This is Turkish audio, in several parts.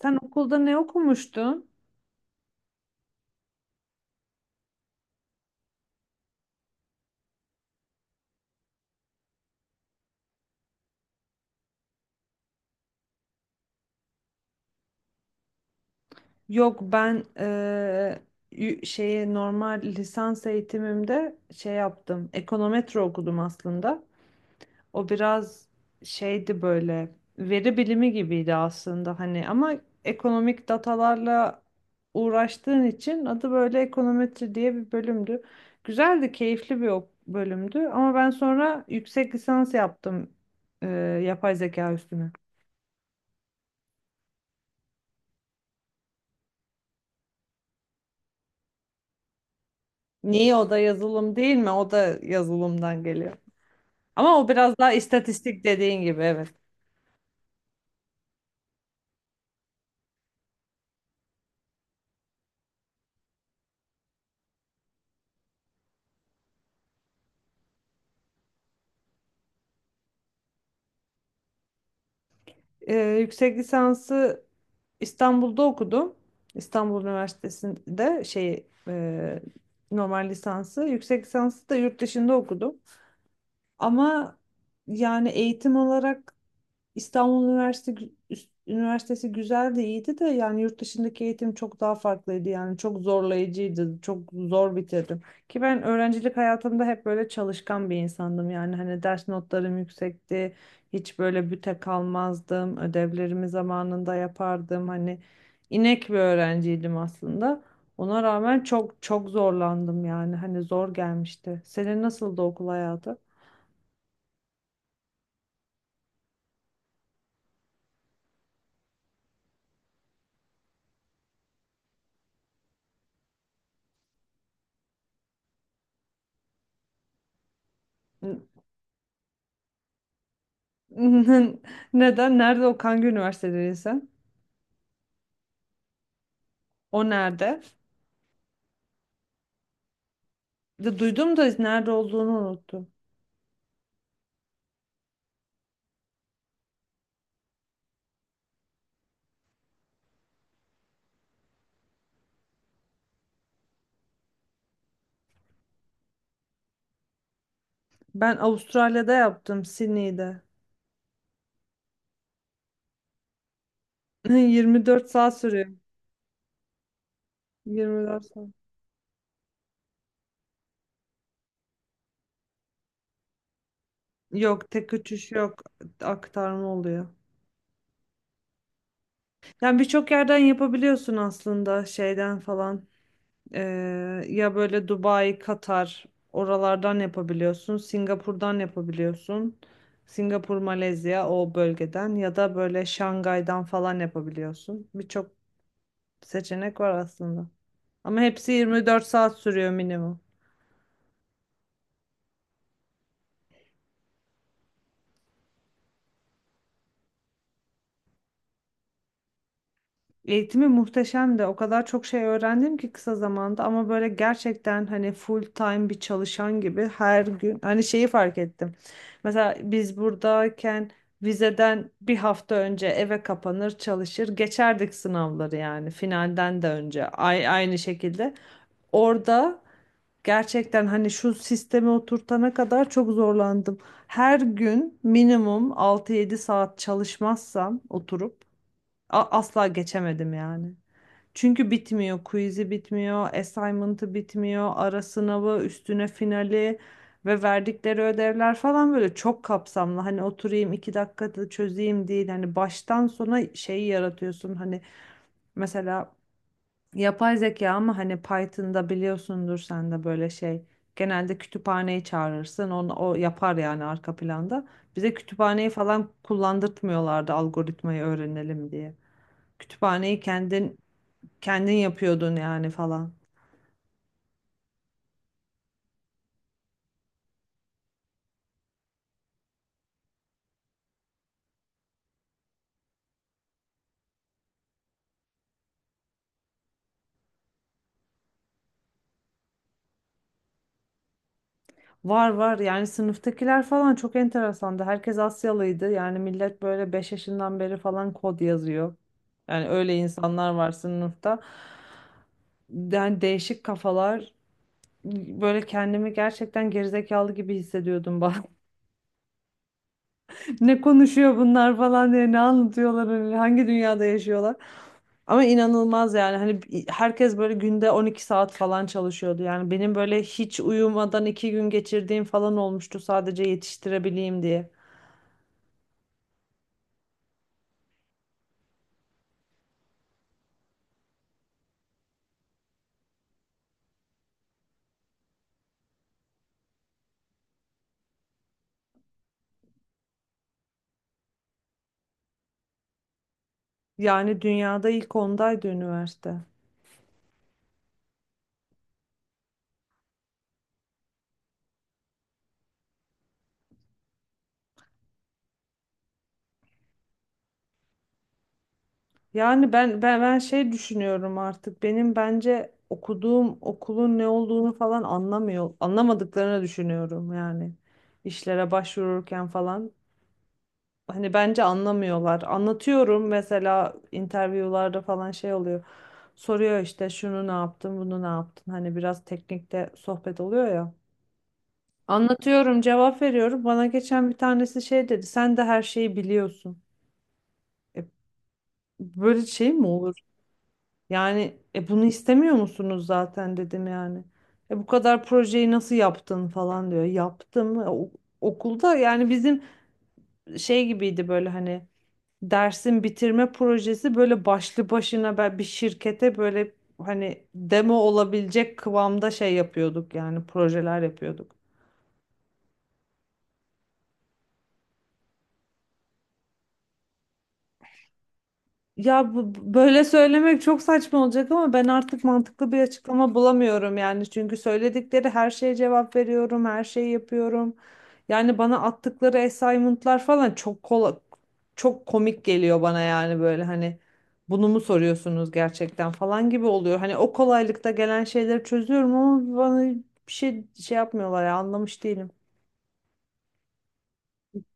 Sen okulda ne okumuştun? Yok, ben şeye normal lisans eğitimimde şey yaptım. Ekonometre okudum aslında. O biraz şeydi, böyle veri bilimi gibiydi aslında hani, ama ekonomik datalarla uğraştığın için adı böyle ekonometri diye bir bölümdü. Güzeldi, keyifli bir bölümdü, ama ben sonra yüksek lisans yaptım eee, yapay zeka üstüne. Niye o da yazılım değil mi? O da yazılımdan geliyor. Ama o biraz daha istatistik dediğin gibi, evet. Ee, yüksek lisansı İstanbul'da okudum. İstanbul Üniversitesi'nde şey, normal lisansı. Yüksek lisansı da yurt dışında okudum. Ama yani eğitim olarak İstanbul Üniversitesi güzel de, iyiydi de, yani yurt dışındaki eğitim çok daha farklıydı, yani çok zorlayıcıydı, çok zor bitirdim. Ki ben öğrencilik hayatımda hep böyle çalışkan bir insandım yani, hani ders notlarım yüksekti, hiç böyle büte kalmazdım, ödevlerimi zamanında yapardım, hani inek bir öğrenciydim aslında. Ona rağmen çok çok zorlandım yani, hani zor gelmişti. Senin nasıldı okul hayatı? N- Neden? Nerede o? Hangi üniversitede sen? O nerede? De duydum da nerede olduğunu unuttum. Ben Avustralya'da yaptım, Sydney'de. 24 saat sürüyor. 24 saat. Yok, tek uçuş yok. Aktarma oluyor. Yani birçok yerden yapabiliyorsun aslında, şeyden falan. Ya böyle Dubai, Katar, oralardan yapabiliyorsun. Singapur'dan yapabiliyorsun. Singapur, Malezya, o bölgeden ya da böyle Şangay'dan falan yapabiliyorsun. Birçok seçenek var aslında. Ama hepsi 24 saat sürüyor minimum. Eğitimi muhteşemdi. O kadar çok şey öğrendim ki kısa zamanda, ama böyle gerçekten hani full time bir çalışan gibi her gün, hani şeyi fark ettim. Mesela biz buradayken vizeden bir hafta önce eve kapanır, çalışır, geçerdik sınavları yani. Finalden de önce ay aynı şekilde. Orada, gerçekten hani şu sisteme oturtana kadar çok zorlandım. Her gün minimum 6 7 saat çalışmazsam oturup asla geçemedim yani. Çünkü bitmiyor. Quiz'i bitmiyor, assignment'ı bitmiyor, ara sınavı, üstüne finali ve verdikleri ödevler falan böyle çok kapsamlı. Hani oturayım 2 dakikada çözeyim değil. Hani baştan sona şeyi yaratıyorsun. Hani mesela yapay zeka, ama hani Python'da biliyorsundur sen de böyle şey. Genelde kütüphaneyi çağırırsın. O yapar yani, arka planda. Bize kütüphaneyi falan kullandırtmıyorlardı, algoritmayı öğrenelim diye. Kütüphaneyi kendin yapıyordun yani falan. Var, var yani sınıftakiler falan çok enteresandı. Herkes Asyalıydı. Yani millet böyle 5 yaşından beri falan kod yazıyor. Yani öyle insanlar var sınıfta. Yani değişik kafalar. Böyle kendimi gerçekten gerizekalı gibi hissediyordum bak. Ne konuşuyor bunlar falan diye, ne anlatıyorlar öyle, hangi dünyada yaşıyorlar? Ama inanılmaz yani hani herkes böyle günde 12 saat falan çalışıyordu. Yani benim böyle hiç uyumadan 2 gün geçirdiğim falan olmuştu, sadece yetiştirebileyim diye. Yani dünyada ilk 10'daydı üniversite. Yani ben şey düşünüyorum artık. Benim bence okuduğum okulun ne olduğunu falan anlamıyor. Anlamadıklarını düşünüyorum yani. İşlere başvururken falan. Hani bence anlamıyorlar. Anlatıyorum mesela, interviewlarda falan şey oluyor. Soruyor işte şunu ne yaptın, bunu ne yaptın? Hani biraz teknikte sohbet oluyor ya. Anlatıyorum, cevap veriyorum. Bana geçen bir tanesi şey dedi. Sen de her şeyi biliyorsun. E, böyle şey mi olur? Yani bunu istemiyor musunuz zaten dedim yani. Bu kadar projeyi nasıl yaptın falan diyor. Yaptım. Okulda yani bizim şey gibiydi, böyle hani dersin bitirme projesi böyle başlı başına, ben bir şirkete böyle hani demo olabilecek kıvamda şey yapıyorduk, yani projeler yapıyorduk. Ya bu, böyle söylemek çok saçma olacak, ama ben artık mantıklı bir açıklama bulamıyorum yani, çünkü söyledikleri her şeye cevap veriyorum, her şeyi yapıyorum. Yani bana attıkları assignment'lar falan çok çok komik geliyor bana yani, böyle hani bunu mu soruyorsunuz gerçekten falan gibi oluyor. Hani o kolaylıkta gelen şeyleri çözüyorum, ama bana bir şey şey yapmıyorlar ya, anlamış değilim.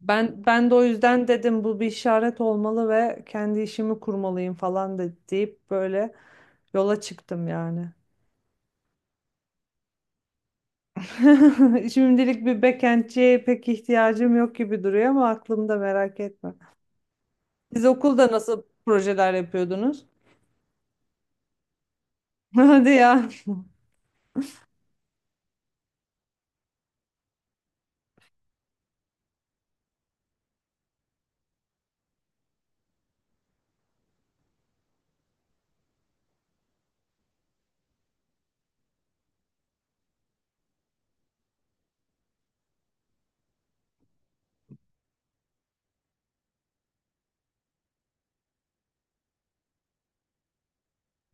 Ben de o yüzden dedim bu bir işaret olmalı ve kendi işimi kurmalıyım falan deyip böyle yola çıktım yani. Şimdilik bir backendçiye pek ihtiyacım yok gibi duruyor, ama aklımda, merak etme. Siz okulda nasıl projeler yapıyordunuz? Hadi ya.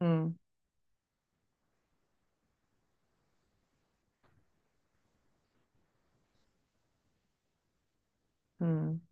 Hmm, hmm.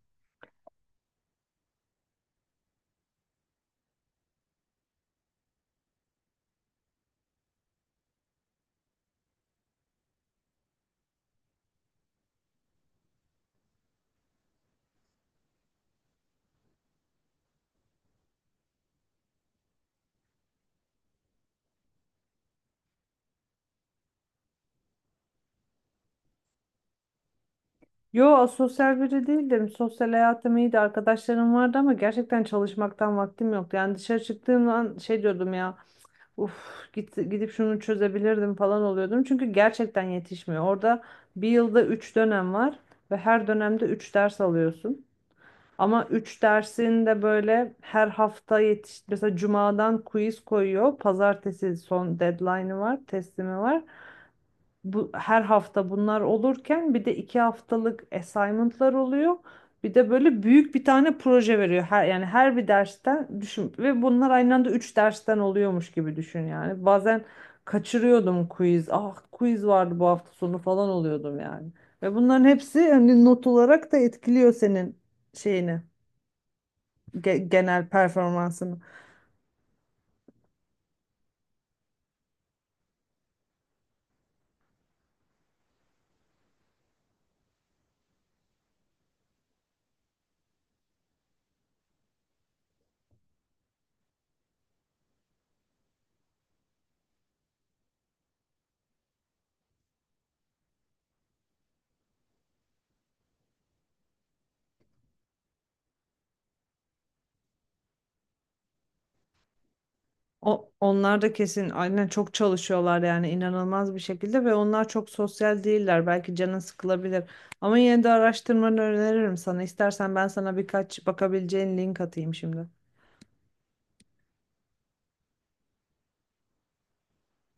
Yo, sosyal biri değildim. Sosyal hayatım iyiydi. Arkadaşlarım vardı, ama gerçekten çalışmaktan vaktim yoktu. Yani dışarı çıktığım an şey diyordum ya. Uf, gidip şunu çözebilirdim falan oluyordum. Çünkü gerçekten yetişmiyor. Orada bir yılda 3 dönem var ve her dönemde 3 ders alıyorsun. Ama 3 dersin de böyle her hafta yetiş, mesela cumadan quiz koyuyor. Pazartesi son deadline'ı var, teslimi var. Bu, her hafta bunlar olurken bir de 2 haftalık assignment'lar oluyor. Bir de böyle büyük bir tane proje veriyor. Her, yani her bir dersten düşün, ve bunlar aynı anda 3 dersten oluyormuş gibi düşün yani. Bazen kaçırıyordum quiz. Ah, quiz vardı bu hafta sonu falan oluyordum yani. Ve bunların hepsi hani not olarak da etkiliyor senin şeyini, genel performansını. Onlar da kesin aynen çok çalışıyorlar yani, inanılmaz bir şekilde, ve onlar çok sosyal değiller. Belki canın sıkılabilir. Ama yine de araştırmanı öneririm sana. İstersen ben sana birkaç bakabileceğin link atayım şimdi.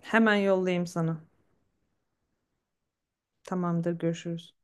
Hemen yollayayım sana. Tamamdır, görüşürüz.